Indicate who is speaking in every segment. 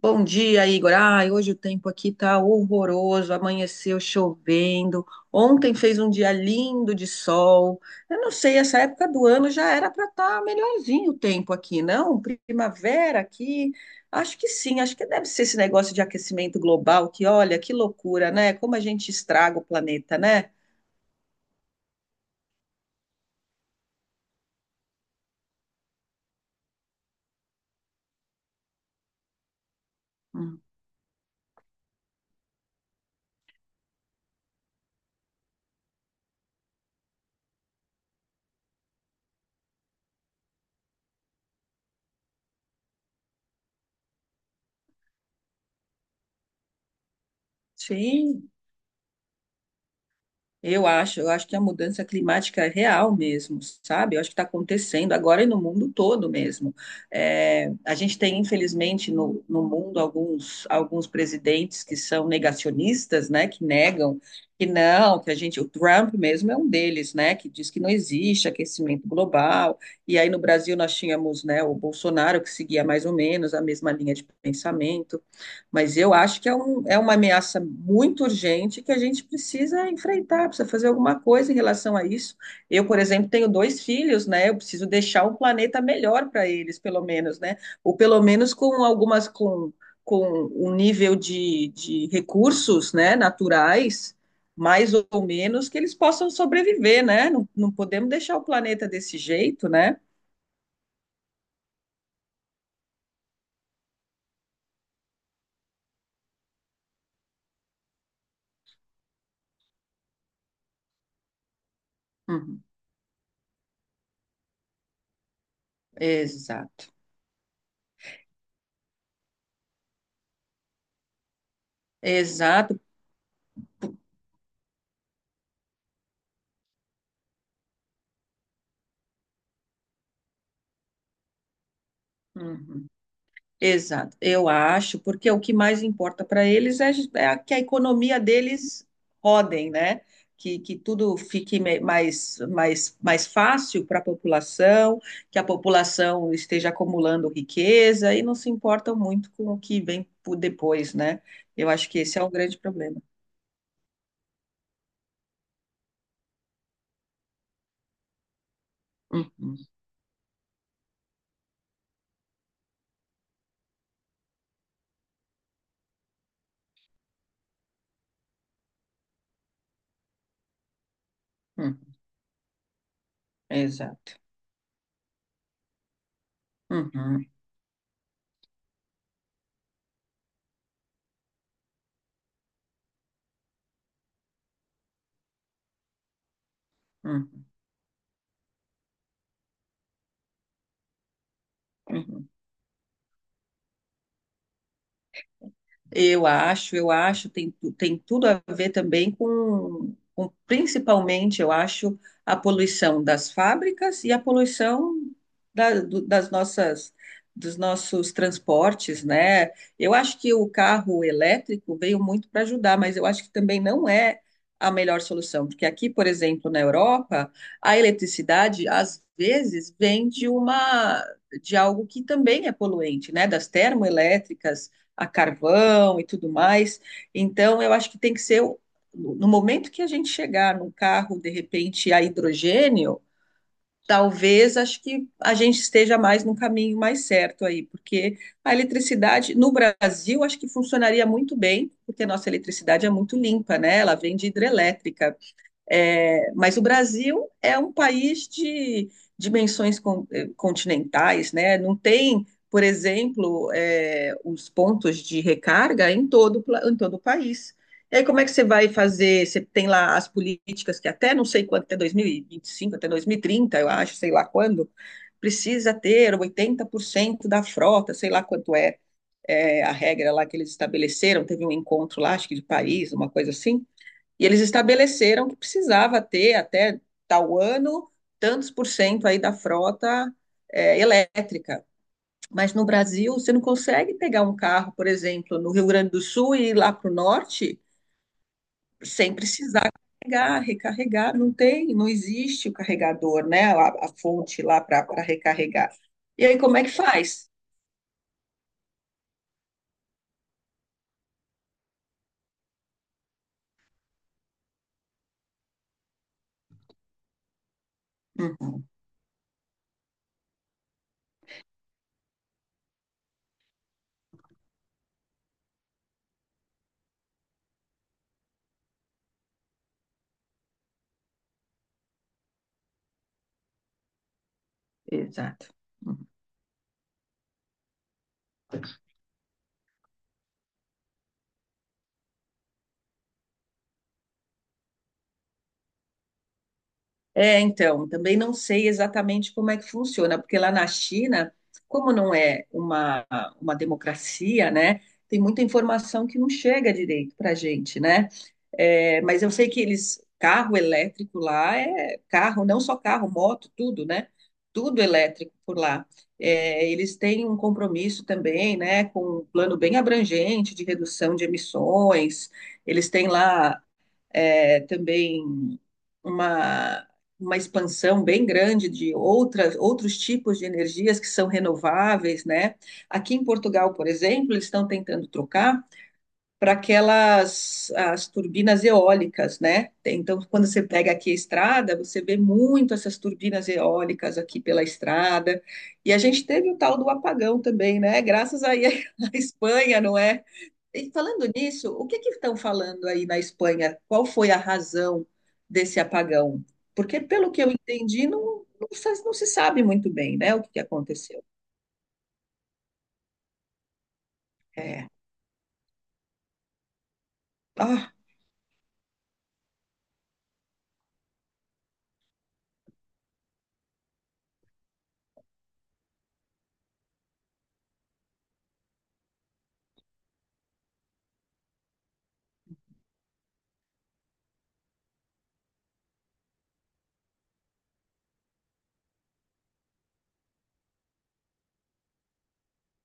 Speaker 1: Bom dia, Igor. Ai, hoje o tempo aqui tá horroroso, amanheceu chovendo. Ontem fez um dia lindo de sol. Eu não sei, essa época do ano já era para estar melhorzinho o tempo aqui, não? Primavera aqui. Acho que sim, acho que deve ser esse negócio de aquecimento global, que olha, que loucura, né? Como a gente estraga o planeta, né? Hum. Sim. Eu acho que a mudança climática é real mesmo, sabe? Eu acho que está acontecendo agora e no mundo todo mesmo. É, a gente tem, infelizmente, no mundo alguns presidentes que são negacionistas, né? Que negam que não, que a gente. O Trump mesmo é um deles, né? Que diz que não existe aquecimento global. E aí no Brasil nós tínhamos, né, o Bolsonaro que seguia mais ou menos a mesma linha de pensamento. Mas eu acho que é uma ameaça muito urgente que a gente precisa enfrentar, precisa fazer alguma coisa em relação a isso. Eu, por exemplo, tenho 2 filhos, né? Eu preciso deixar um planeta melhor para eles, pelo menos, né? Ou pelo menos com algumas com um nível de recursos, né, naturais, mais ou menos, que eles possam sobreviver, né? Não, não podemos deixar o planeta desse jeito, né? Uhum. Exato, exato. Uhum. Exato, eu acho, porque o que mais importa para eles é que a economia deles rodem, né? Que tudo fique mais fácil para a população, que a população esteja acumulando riqueza e não se importam muito com o que vem por depois, né? Eu acho que esse é um grande problema. Uhum, uhum, exato. Uhum, uhum, uhum. Eu acho, tem tudo a ver também com, principalmente, eu acho, a poluição das fábricas e a poluição da- do- das nossas, dos nossos transportes, né? Eu acho que o carro elétrico veio muito para ajudar, mas eu acho que também não é a melhor solução, porque aqui, por exemplo, na Europa, a eletricidade às vezes vem de algo que também é poluente, né? Das termoelétricas a carvão e tudo mais. Então, eu acho que tem que ser no momento que a gente chegar num carro, de repente, a hidrogênio, talvez acho que a gente esteja mais no caminho mais certo aí, porque a eletricidade no Brasil acho que funcionaria muito bem, porque a nossa eletricidade é muito limpa, né? Ela vem de hidrelétrica, é, mas o Brasil é um país de dimensões continentais, né? Não tem, por exemplo, os pontos de recarga em todo, em todo o país. E aí, como é que você vai fazer? Você tem lá as políticas que até não sei quanto, até 2025, até 2030, eu acho, sei lá quando, precisa ter 80% da frota, sei lá quanto é, a regra lá que eles estabeleceram. Teve um encontro lá, acho que de Paris, uma coisa assim. E eles estabeleceram que precisava ter até tal ano tantos por cento aí da frota, é, elétrica. Mas no Brasil, você não consegue pegar um carro, por exemplo, no Rio Grande do Sul e ir lá para o norte sem precisar carregar, recarregar. Não tem, não existe o carregador, né? A fonte lá para recarregar. E aí, como é que faz? Uhum, exato. É, então, também não sei exatamente como é que funciona, porque lá na China, como não é uma democracia, né, tem muita informação que não chega direito para a gente, né? É, mas eu sei que eles, carro elétrico lá é carro, não só carro, moto, tudo, né? Tudo elétrico por lá. É, eles têm um compromisso também, né, com um plano bem abrangente de redução de emissões. Eles têm lá, é, também uma, uma expansão bem grande de outros tipos de energias que são renováveis, né? Aqui em Portugal, por exemplo, eles estão tentando trocar para aquelas as turbinas eólicas, né? Tem. Então, quando você pega aqui a estrada, você vê muito essas turbinas eólicas aqui pela estrada. E a gente teve o tal do apagão também, né? Graças aí à Espanha, não é? E falando nisso, o que que estão falando aí na Espanha? Qual foi a razão desse apagão? Porque, pelo que eu entendi, não, não, se não se sabe muito bem, né, o que que aconteceu. É. Ah,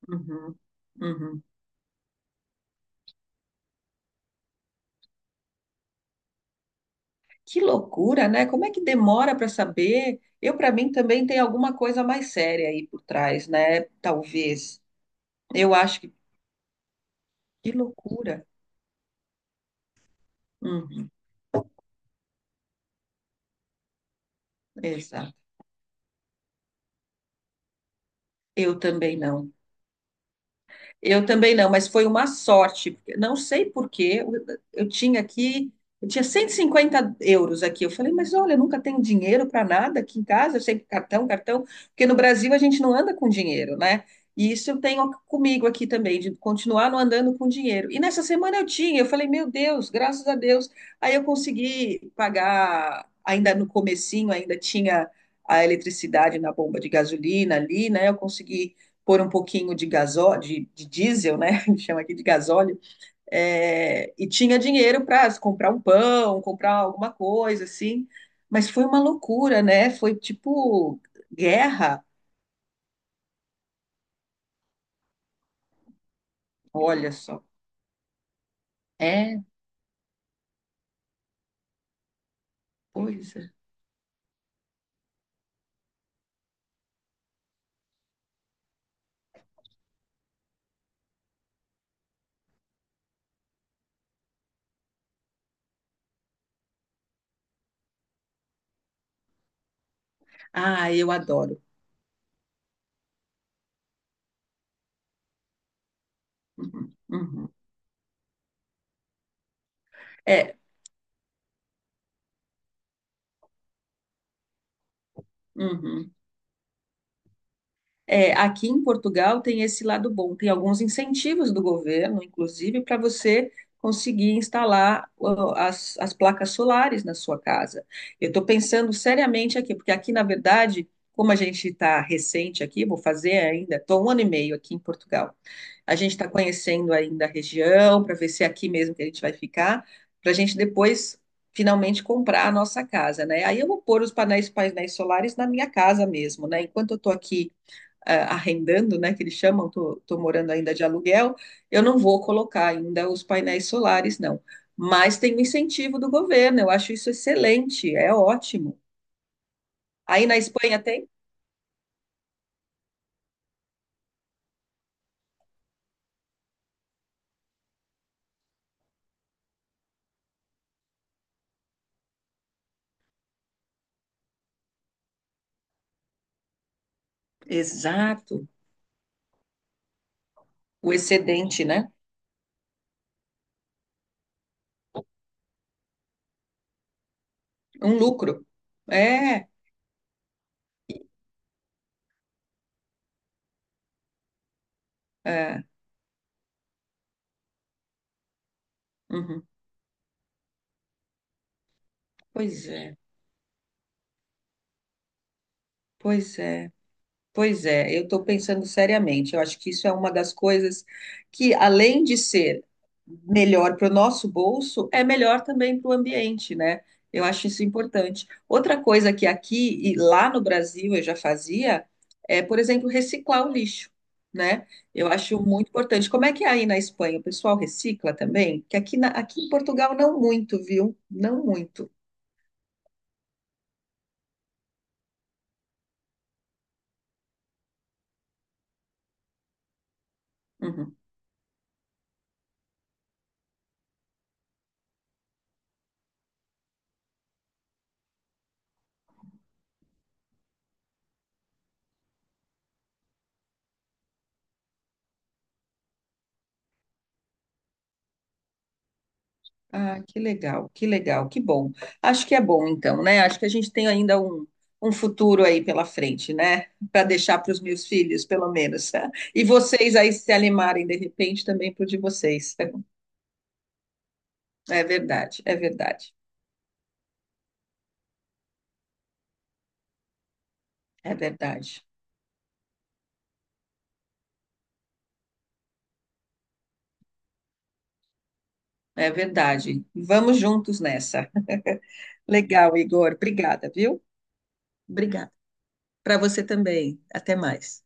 Speaker 1: uhum, uhum. Que loucura, né? Como é que demora para saber? Eu, para mim, também tem alguma coisa mais séria aí por trás, né? Talvez. Eu acho que. Que loucura. Uhum, exato. Eu também não. Eu também não, mas foi uma sorte. Porque- Não sei por quê, eu tinha aqui, eu tinha 150 euros aqui. Eu falei, mas olha, eu nunca tenho dinheiro para nada aqui em casa, eu sempre cartão, cartão, porque no Brasil a gente não anda com dinheiro, né? E isso eu tenho comigo aqui também, de continuar não andando com dinheiro. E nessa semana eu tinha, eu falei, meu Deus, graças a Deus. Aí eu consegui pagar, ainda no comecinho, ainda tinha a eletricidade na bomba de gasolina ali, né? Eu consegui pôr um pouquinho de gasóleo, diesel, né? chama aqui de gasóleo, é, e tinha dinheiro para comprar um pão, comprar alguma coisa, assim. Mas foi uma loucura, né? Foi tipo guerra. Olha só. É, coisa. Ah, eu adoro. Uhum, uhum. É, uhum. É, aqui em Portugal tem esse lado bom, tem alguns incentivos do governo, inclusive, para você conseguir instalar, ó, as placas solares na sua casa. Eu estou pensando seriamente aqui, porque aqui, na verdade, como a gente está recente aqui, vou fazer ainda, estou 1 ano e meio aqui em Portugal. A gente está conhecendo ainda a região, para ver se é aqui mesmo que a gente vai ficar, para a gente depois finalmente comprar a nossa casa, né? Aí eu vou pôr os painéis solares na minha casa mesmo, né? Enquanto eu estou aqui arrendando, né, que eles chamam, tô morando ainda de aluguel, eu não vou colocar ainda os painéis solares, não. Mas tem um incentivo do governo, eu acho isso excelente, é ótimo. Aí na Espanha tem? Exato, o excedente, né? Um lucro. É, é. Uhum. Pois é, pois é. Pois é, eu estou pensando seriamente. Eu acho que isso é uma das coisas que, além de ser melhor para o nosso bolso, é melhor também para o ambiente, né? Eu acho isso importante. Outra coisa que aqui e lá no Brasil eu já fazia é, por exemplo, reciclar o lixo, né? Eu acho muito importante. Como é que é aí na Espanha? O pessoal recicla também? Que aqui, aqui em Portugal não muito, viu? Não muito. Uhum. Ah, que legal, que legal, que bom. Acho que é bom, então, né? Acho que a gente tem ainda um futuro aí pela frente, né? Para deixar para os meus filhos, pelo menos. E vocês aí se animarem, de repente, também para de vocês. É verdade, é verdade, é verdade, é verdade. Vamos juntos nessa. Legal, Igor. Obrigada, viu? Obrigada. Para você também. Até mais.